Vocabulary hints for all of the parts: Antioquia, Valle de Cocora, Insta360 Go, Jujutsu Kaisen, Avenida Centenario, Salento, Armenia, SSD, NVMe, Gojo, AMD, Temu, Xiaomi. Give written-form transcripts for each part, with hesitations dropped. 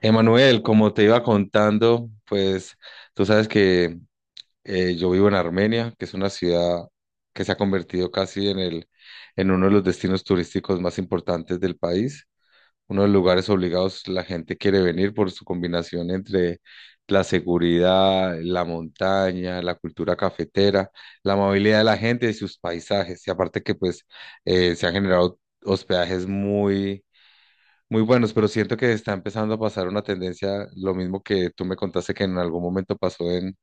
Emanuel, como te iba contando, pues tú sabes que yo vivo en Armenia, que es una ciudad que se ha convertido casi en el, en uno de los destinos turísticos más importantes del país, uno de los lugares obligados la gente quiere venir por su combinación entre la seguridad, la montaña, la cultura cafetera, la amabilidad de la gente y sus paisajes. Y aparte que pues se han generado hospedajes muy muy buenos, pero siento que está empezando a pasar una tendencia, lo mismo que tú me contaste que en algún momento pasó en,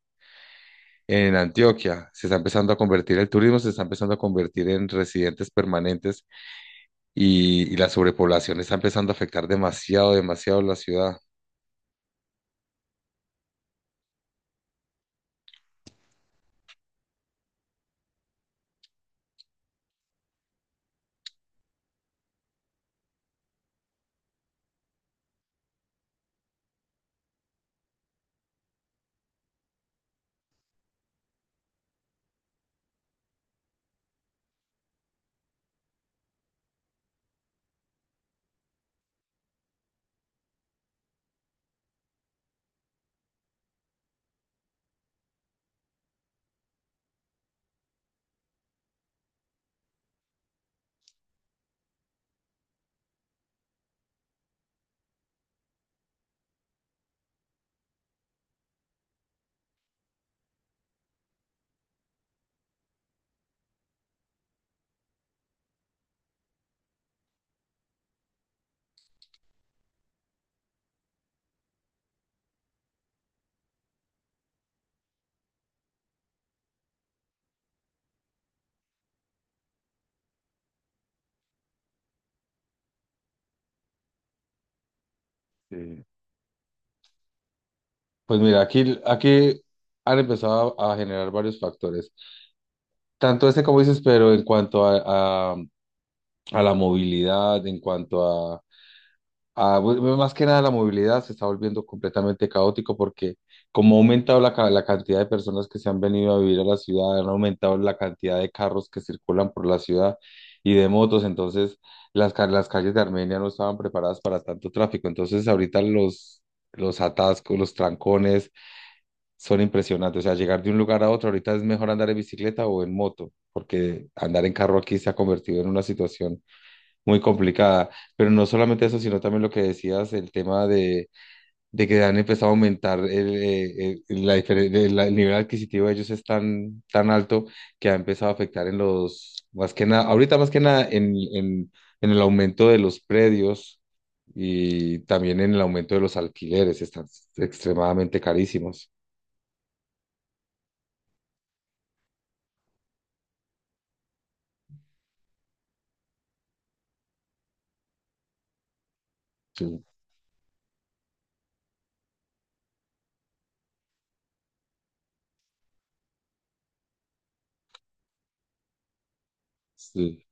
en Antioquia. Se está empezando a convertir el turismo, se está empezando a convertir en residentes permanentes y la sobrepoblación está empezando a afectar demasiado, demasiado la ciudad. Sí. Pues mira, aquí han empezado a generar varios factores, tanto este como dices, pero en cuanto a la movilidad, en cuanto a, Ah, bu- bu- más que nada la movilidad se está volviendo completamente caótico porque como ha aumentado la cantidad de personas que se han venido a vivir a la ciudad, han aumentado la cantidad de carros que circulan por la ciudad y de motos, entonces las calles de Armenia no estaban preparadas para tanto tráfico, entonces ahorita los atascos, los trancones son impresionantes, o sea, llegar de un lugar a otro, ahorita es mejor andar en bicicleta o en moto, porque andar en carro aquí se ha convertido en una situación muy complicada. Pero no solamente eso, sino también lo que decías, el tema de que han empezado a aumentar el nivel adquisitivo de ellos es tan, tan alto que ha empezado a afectar más que nada, ahorita más que nada en el aumento de los predios y también en el aumento de los alquileres, están extremadamente carísimos. Sí, sí,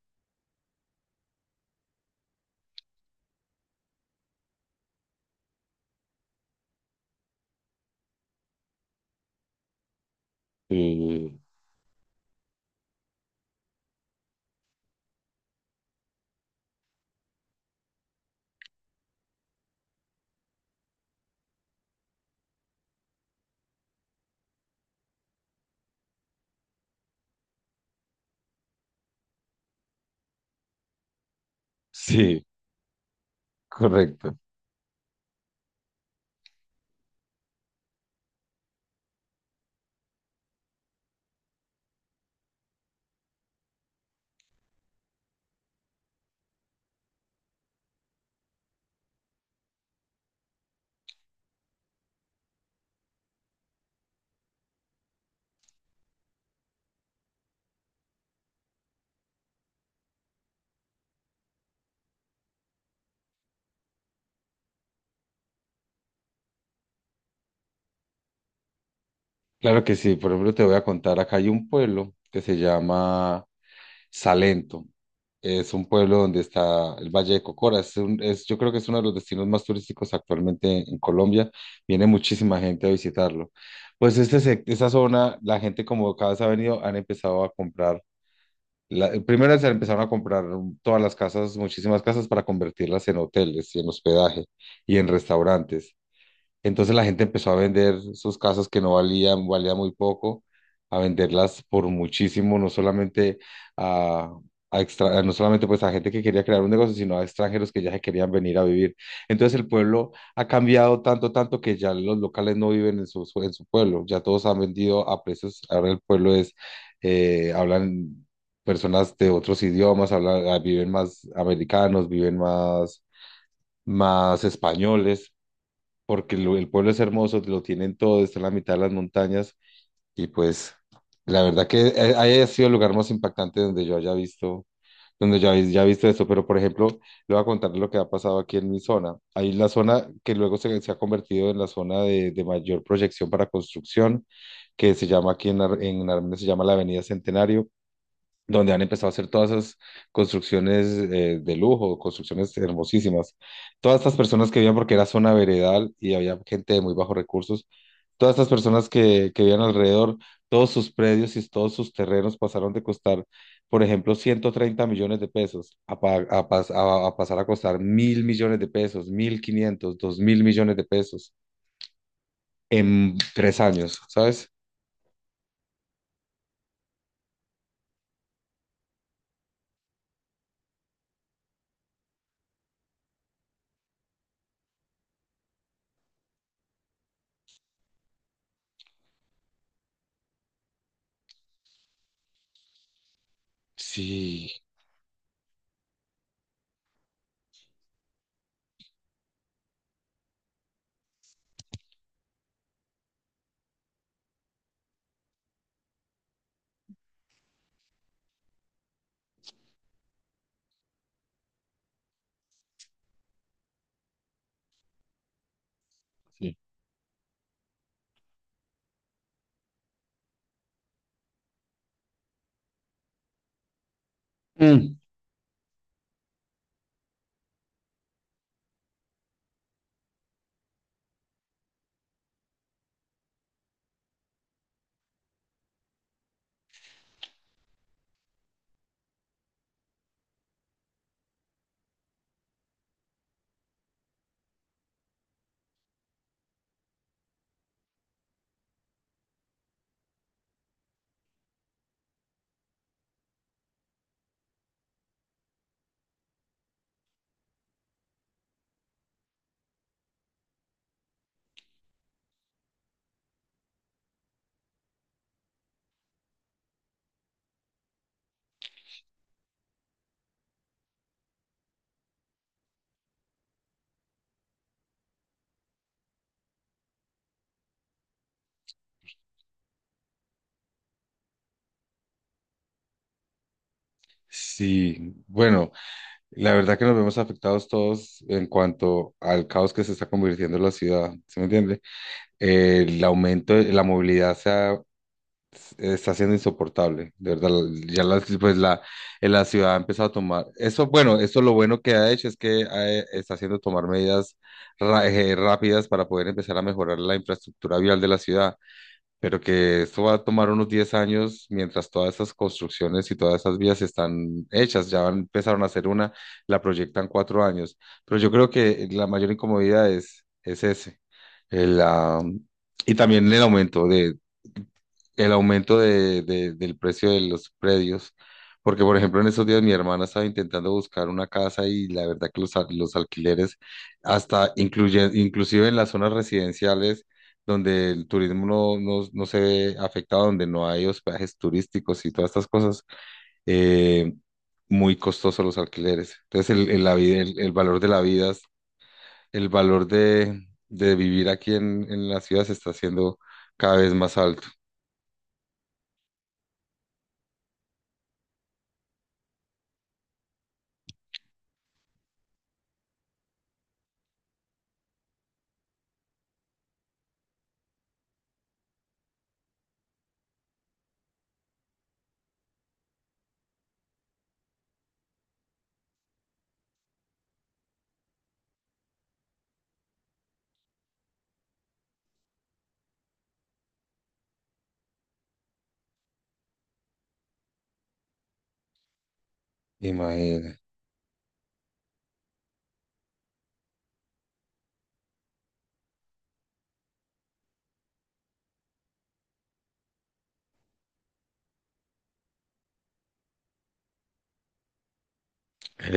sí, sí, correcto. Claro que sí, por ejemplo, te voy a contar, acá hay un pueblo que se llama Salento. Es un pueblo donde está el Valle de Cocora. Yo creo que es uno de los destinos más turísticos actualmente en Colombia. Viene muchísima gente a visitarlo. Pues esta zona, la gente como cada vez ha venido, han empezado a comprar. Primero se empezaron a comprar todas las casas, muchísimas casas para convertirlas en hoteles y en hospedaje y en restaurantes. Entonces la gente empezó a vender sus casas que no valían muy poco, a venderlas por muchísimo, no solamente a, a extra- no solamente pues a gente que quería crear un negocio, sino a extranjeros que ya se querían venir a vivir. Entonces el pueblo ha cambiado tanto, tanto que ya los locales no viven en en su pueblo, ya todos han vendido a precios, ahora el pueblo es, hablan personas de otros idiomas, hablan, viven más americanos, viven más españoles porque el pueblo es hermoso, lo tienen todo, está en la mitad de las montañas y pues la verdad que haya sido el lugar más impactante donde yo haya visto, donde yo haya visto eso. Pero por ejemplo, le voy a contar lo que ha pasado aquí en mi zona. Ahí la zona que luego se ha convertido en la zona de mayor proyección para construcción, que se llama aquí en Armenia, se llama la Avenida Centenario donde han empezado a hacer todas esas construcciones de lujo, construcciones hermosísimas. Todas estas personas que vivían, porque era zona veredal y había gente de muy bajos recursos, todas estas personas que vivían alrededor, todos sus predios y todos sus terrenos pasaron de costar, por ejemplo, 130 millones de pesos a, pa- a pas- a pasar a costar 1.000 millones de pesos, 1.500, 2.000 millones de pesos en 3 años, ¿sabes? Sí, sí. Mm. Sí, bueno, la verdad que nos vemos afectados todos en cuanto al caos que se está convirtiendo en la ciudad, ¿sí me entiende? El aumento de la movilidad está siendo insoportable, de verdad. Pues la ciudad ha empezado a tomar, eso bueno, eso lo bueno que ha hecho es que está haciendo tomar medidas rápidas para poder empezar a mejorar la infraestructura vial de la ciudad pero que esto va a tomar unos 10 años mientras todas esas construcciones y todas esas vías están hechas, empezaron a hacer una, la proyectan 4 años, pero yo creo que la mayor incomodidad es ese, el, ah, y también el aumento de- del precio de los predios, porque por ejemplo en estos días mi hermana estaba intentando buscar una casa y la verdad que los alquileres, hasta inclusive en las zonas residenciales donde el turismo no se ve afectado, donde no hay hospedajes turísticos y todas estas cosas, eh, muy costosos los alquileres. Entonces el valor de la vida, el valor de vivir aquí en la ciudad se está haciendo cada vez más alto. Imagínate.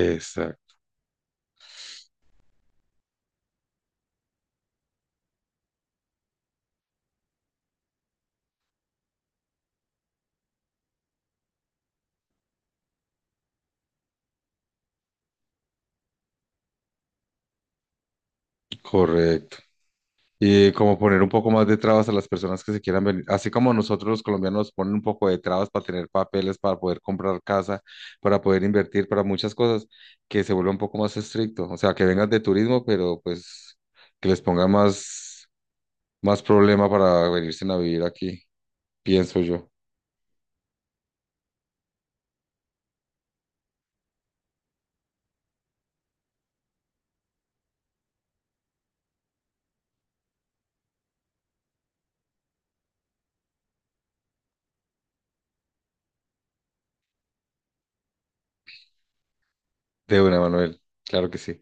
Exacto, correcto. Y como poner un poco más de trabas a las personas que se quieran venir, así como nosotros los colombianos ponen un poco de trabas para tener papeles, para poder comprar casa, para poder invertir, para muchas cosas, que se vuelva un poco más estricto. O sea, que vengan de turismo, pero pues que les ponga más problema para venirse a vivir aquí, pienso yo. De una, Manuel, claro que sí.